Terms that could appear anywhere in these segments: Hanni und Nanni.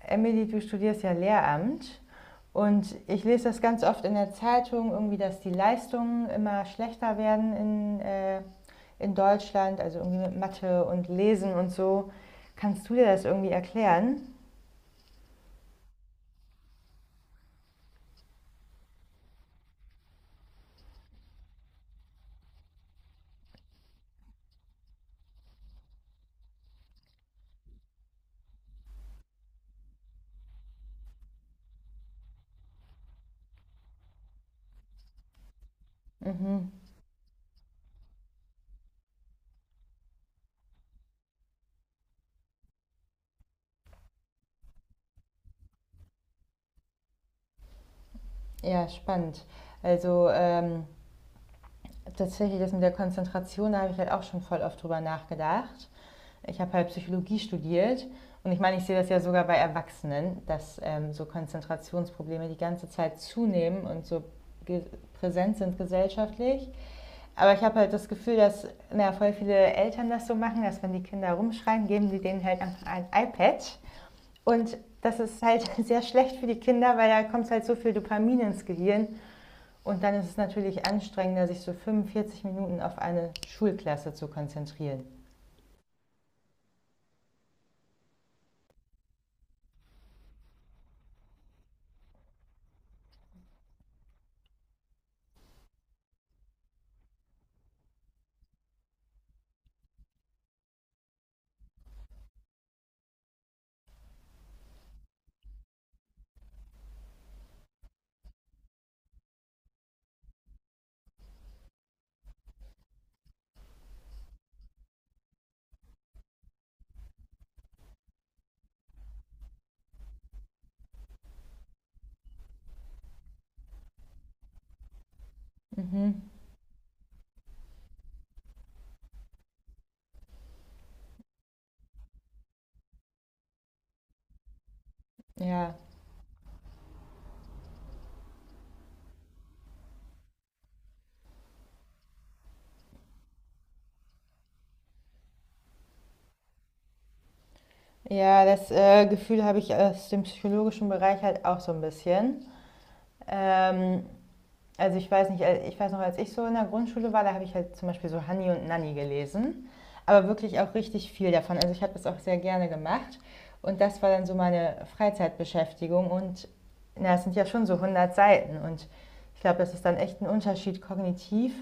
Emily, du studierst ja Lehramt und ich lese das ganz oft in der Zeitung, irgendwie, dass die Leistungen immer schlechter werden in Deutschland, also irgendwie mit Mathe und Lesen und so. Kannst du dir das irgendwie erklären? Mhm. Ja, spannend. Also ähm, Tatsächlich, das mit der Konzentration, da habe ich halt auch schon voll oft drüber nachgedacht. Ich habe halt Psychologie studiert, und ich meine, ich sehe das ja sogar bei Erwachsenen, dass so Konzentrationsprobleme die ganze Zeit zunehmen und so präsent sind gesellschaftlich. Aber ich habe halt das Gefühl, dass na, voll viele Eltern das so machen, dass, wenn die Kinder rumschreien, geben sie denen halt einfach ein iPad. Und das ist halt sehr schlecht für die Kinder, weil da kommt halt so viel Dopamin ins Gehirn, und dann ist es natürlich anstrengender, sich so 45 Minuten auf eine Schulklasse zu konzentrieren. Mhm. Ja. Ja, das Gefühl habe ich aus dem psychologischen Bereich halt auch so ein bisschen. Ähm, Also ich weiß nicht, ich weiß noch, als ich so in der Grundschule war, da habe ich halt zum Beispiel so Hanni und Nanni gelesen, aber wirklich auch richtig viel davon. Also ich habe das auch sehr gerne gemacht, und das war dann so meine Freizeitbeschäftigung und na, es sind ja schon so 100 Seiten, und ich glaube, das ist dann echt ein Unterschied kognitiv,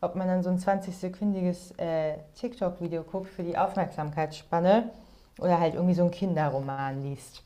ob man dann so ein 20-sekündiges TikTok-Video guckt für die Aufmerksamkeitsspanne oder halt irgendwie so einen Kinderroman liest.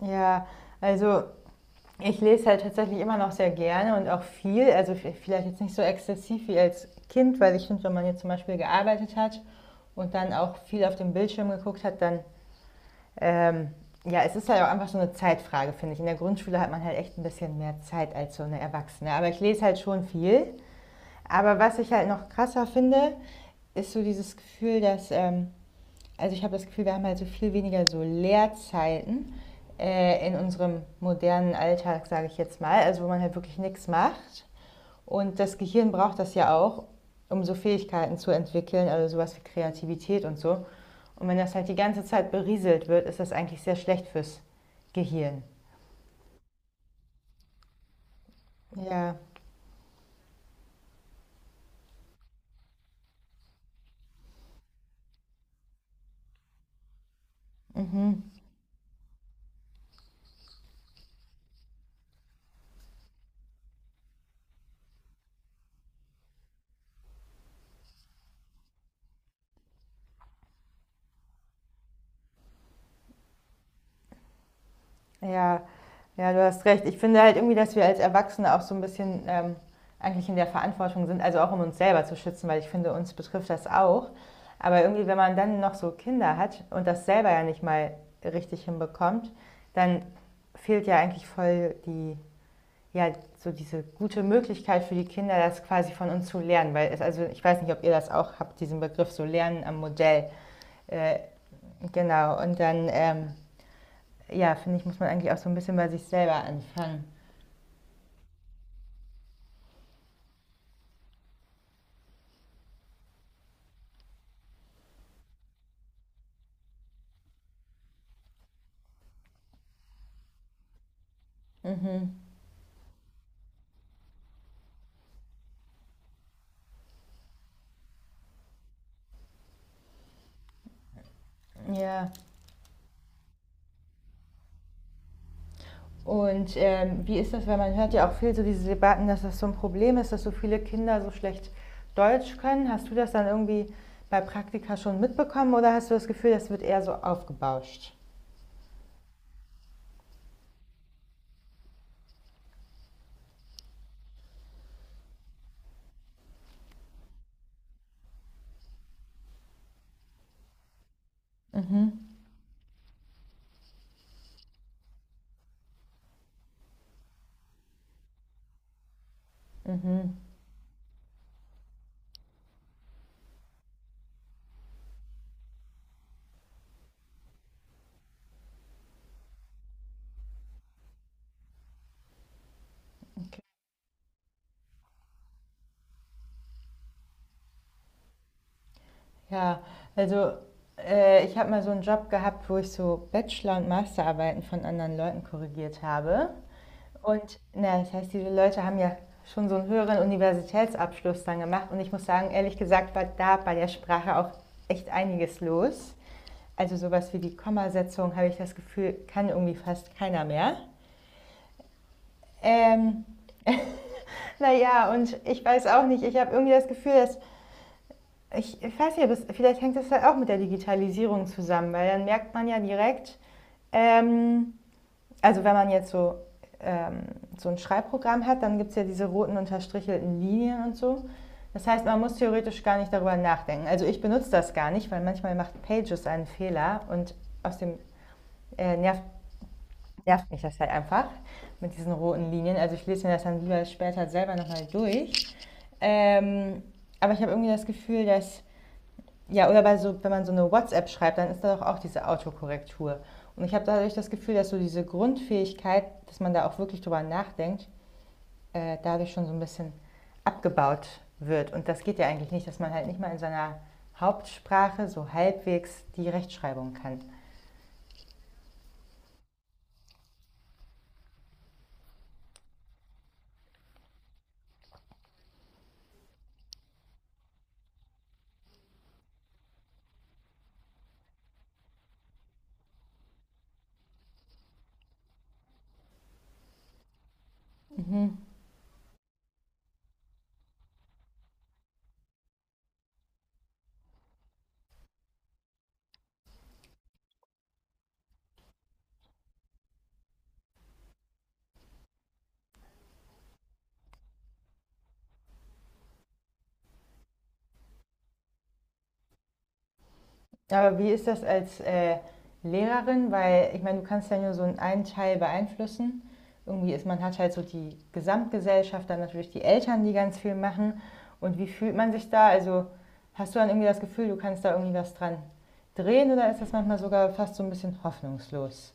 Ja, also ich lese halt tatsächlich immer noch sehr gerne und auch viel, also vielleicht jetzt nicht so exzessiv wie als Kind, weil ich finde, wenn man jetzt zum Beispiel gearbeitet hat und dann auch viel auf dem Bildschirm geguckt hat, dann, ähm, ja, es ist halt auch einfach so eine Zeitfrage, finde ich. In der Grundschule hat man halt echt ein bisschen mehr Zeit als so eine Erwachsene. Aber ich lese halt schon viel. Aber was ich halt noch krasser finde, ist so dieses Gefühl, dass also ich habe das Gefühl, wir haben halt so viel weniger so Leerzeiten in unserem modernen Alltag, sage ich jetzt mal, also wo man halt wirklich nichts macht. Und das Gehirn braucht das ja auch, um so Fähigkeiten zu entwickeln, also sowas wie Kreativität und so. Und wenn das halt die ganze Zeit berieselt wird, ist das eigentlich sehr schlecht fürs Gehirn. Ja. Ja, ja, du hast recht. Ich finde halt irgendwie, dass wir als Erwachsene auch so ein bisschen eigentlich in der Verantwortung sind, also auch um uns selber zu schützen, weil ich finde, uns betrifft das auch. Aber irgendwie, wenn man dann noch so Kinder hat und das selber ja nicht mal richtig hinbekommt, dann fehlt ja eigentlich voll die, ja, so diese gute Möglichkeit für die Kinder, das quasi von uns zu lernen. Weil es, also ich weiß nicht, ob ihr das auch habt, diesen Begriff so Lernen am Modell. Äh, genau, und dann ja, finde ich, muss man eigentlich auch so ein bisschen bei sich selber anfangen. Ja. Und wie ist das, weil man hört ja auch viel so diese Debatten, dass das so ein Problem ist, dass so viele Kinder so schlecht Deutsch können. Hast du das dann irgendwie bei Praktika schon mitbekommen oder hast du das Gefühl, das wird eher so aufgebauscht? Okay. Ja, also ich habe mal so einen Job gehabt, wo ich so Bachelor- und Masterarbeiten von anderen Leuten korrigiert habe. Und na, das heißt, diese Leute haben ja schon so einen höheren Universitätsabschluss dann gemacht. Und ich muss sagen, ehrlich gesagt, war da bei der Sprache auch echt einiges los. Also sowas wie die Kommasetzung, habe ich das Gefühl, kann irgendwie fast keiner mehr. Ähm, naja, und ich weiß auch nicht, ich habe irgendwie das Gefühl, dass, ich weiß nicht, vielleicht hängt das halt auch mit der Digitalisierung zusammen, weil dann merkt man ja direkt, ähm, also wenn man jetzt so, ähm, so ein Schreibprogramm hat, dann gibt es ja diese roten unterstrichelten Linien und so. Das heißt, man muss theoretisch gar nicht darüber nachdenken. Also ich benutze das gar nicht, weil manchmal macht Pages einen Fehler und aus dem äh, nervt, nervt mich das halt einfach mit diesen roten Linien. Also ich lese mir das dann lieber später selber nochmal durch. Ähm, aber ich habe irgendwie das Gefühl, dass ja, oder bei so, wenn man so eine WhatsApp schreibt, dann ist da doch auch diese Autokorrektur. Und ich habe dadurch das Gefühl, dass so diese Grundfähigkeit, dass man da auch wirklich drüber nachdenkt, dadurch schon so ein bisschen abgebaut wird. Und das geht ja eigentlich nicht, dass man halt nicht mal in seiner Hauptsprache so halbwegs die Rechtschreibung kann. Mhm. Aber wie ist das als Lehrerin? Weil ich meine, du kannst ja nur so einen Teil beeinflussen. Irgendwie ist man, hat halt so die Gesamtgesellschaft, dann natürlich die Eltern, die ganz viel machen. Und wie fühlt man sich da? Also hast du dann irgendwie das Gefühl, du kannst da irgendwie was dran drehen, oder ist das manchmal sogar fast so ein bisschen hoffnungslos?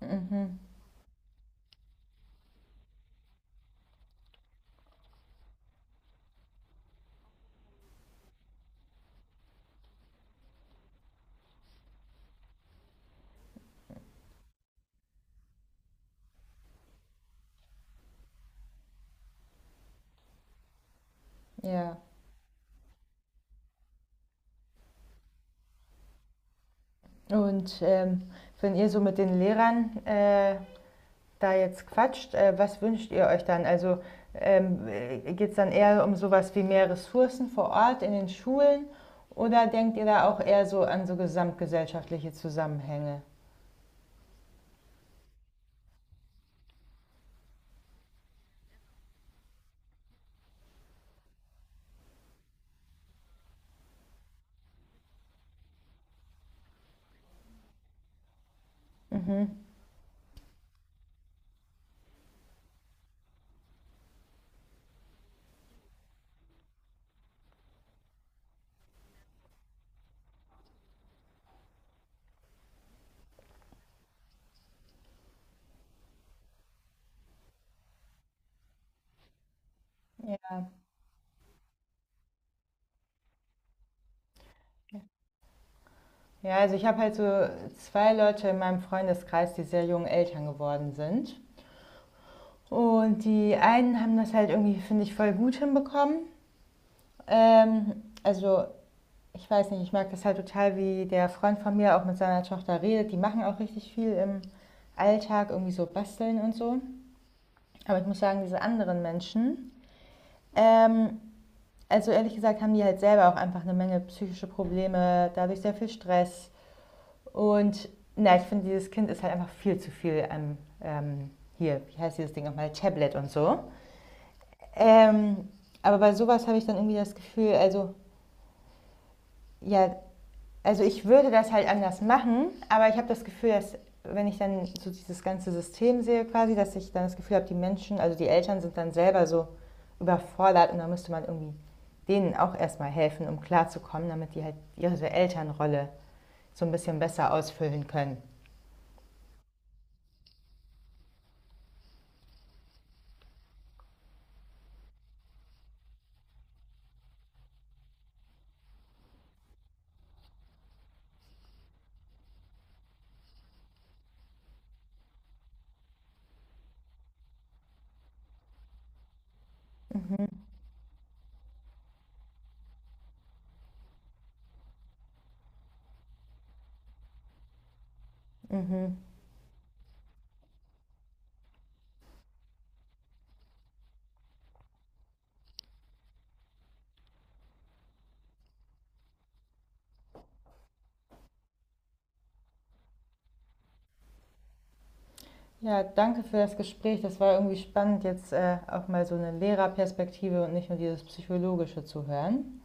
Mhm, ja. Und wenn ihr so mit den Lehrern da jetzt quatscht, was wünscht ihr euch dann? Also ähm, geht es dann eher um sowas wie mehr Ressourcen vor Ort in den Schulen oder denkt ihr da auch eher so an so gesamtgesellschaftliche Zusammenhänge? Mhm. Ja. Ja, also ich habe halt so zwei Leute in meinem Freundeskreis, die sehr jung Eltern geworden sind. Und die einen haben das halt irgendwie, finde ich, voll gut hinbekommen. Also ich weiß nicht, ich mag das halt total, wie der Freund von mir auch mit seiner Tochter redet. Die machen auch richtig viel im Alltag, irgendwie so basteln und so. Aber ich muss sagen, diese anderen Menschen, ähm, also ehrlich gesagt, haben die halt selber auch einfach eine Menge psychische Probleme, dadurch sehr viel Stress. Und na, ich finde, dieses Kind ist halt einfach viel zu viel am, hier, wie heißt dieses Ding nochmal, Tablet und so. Ähm, aber bei sowas habe ich dann irgendwie das Gefühl, also ja, also ich würde das halt anders machen, aber ich habe das Gefühl, dass, wenn ich dann so dieses ganze System sehe quasi, dass ich dann das Gefühl habe, die Menschen, also die Eltern sind dann selber so überfordert, und da müsste man irgendwie denen auch erstmal helfen, um klarzukommen, damit die halt ihre Elternrolle so ein bisschen besser ausfüllen können. Mhm. Mhm. Ja, danke für das Gespräch. Das war irgendwie spannend, jetzt auch mal so eine Lehrerperspektive und nicht nur dieses Psychologische zu hören.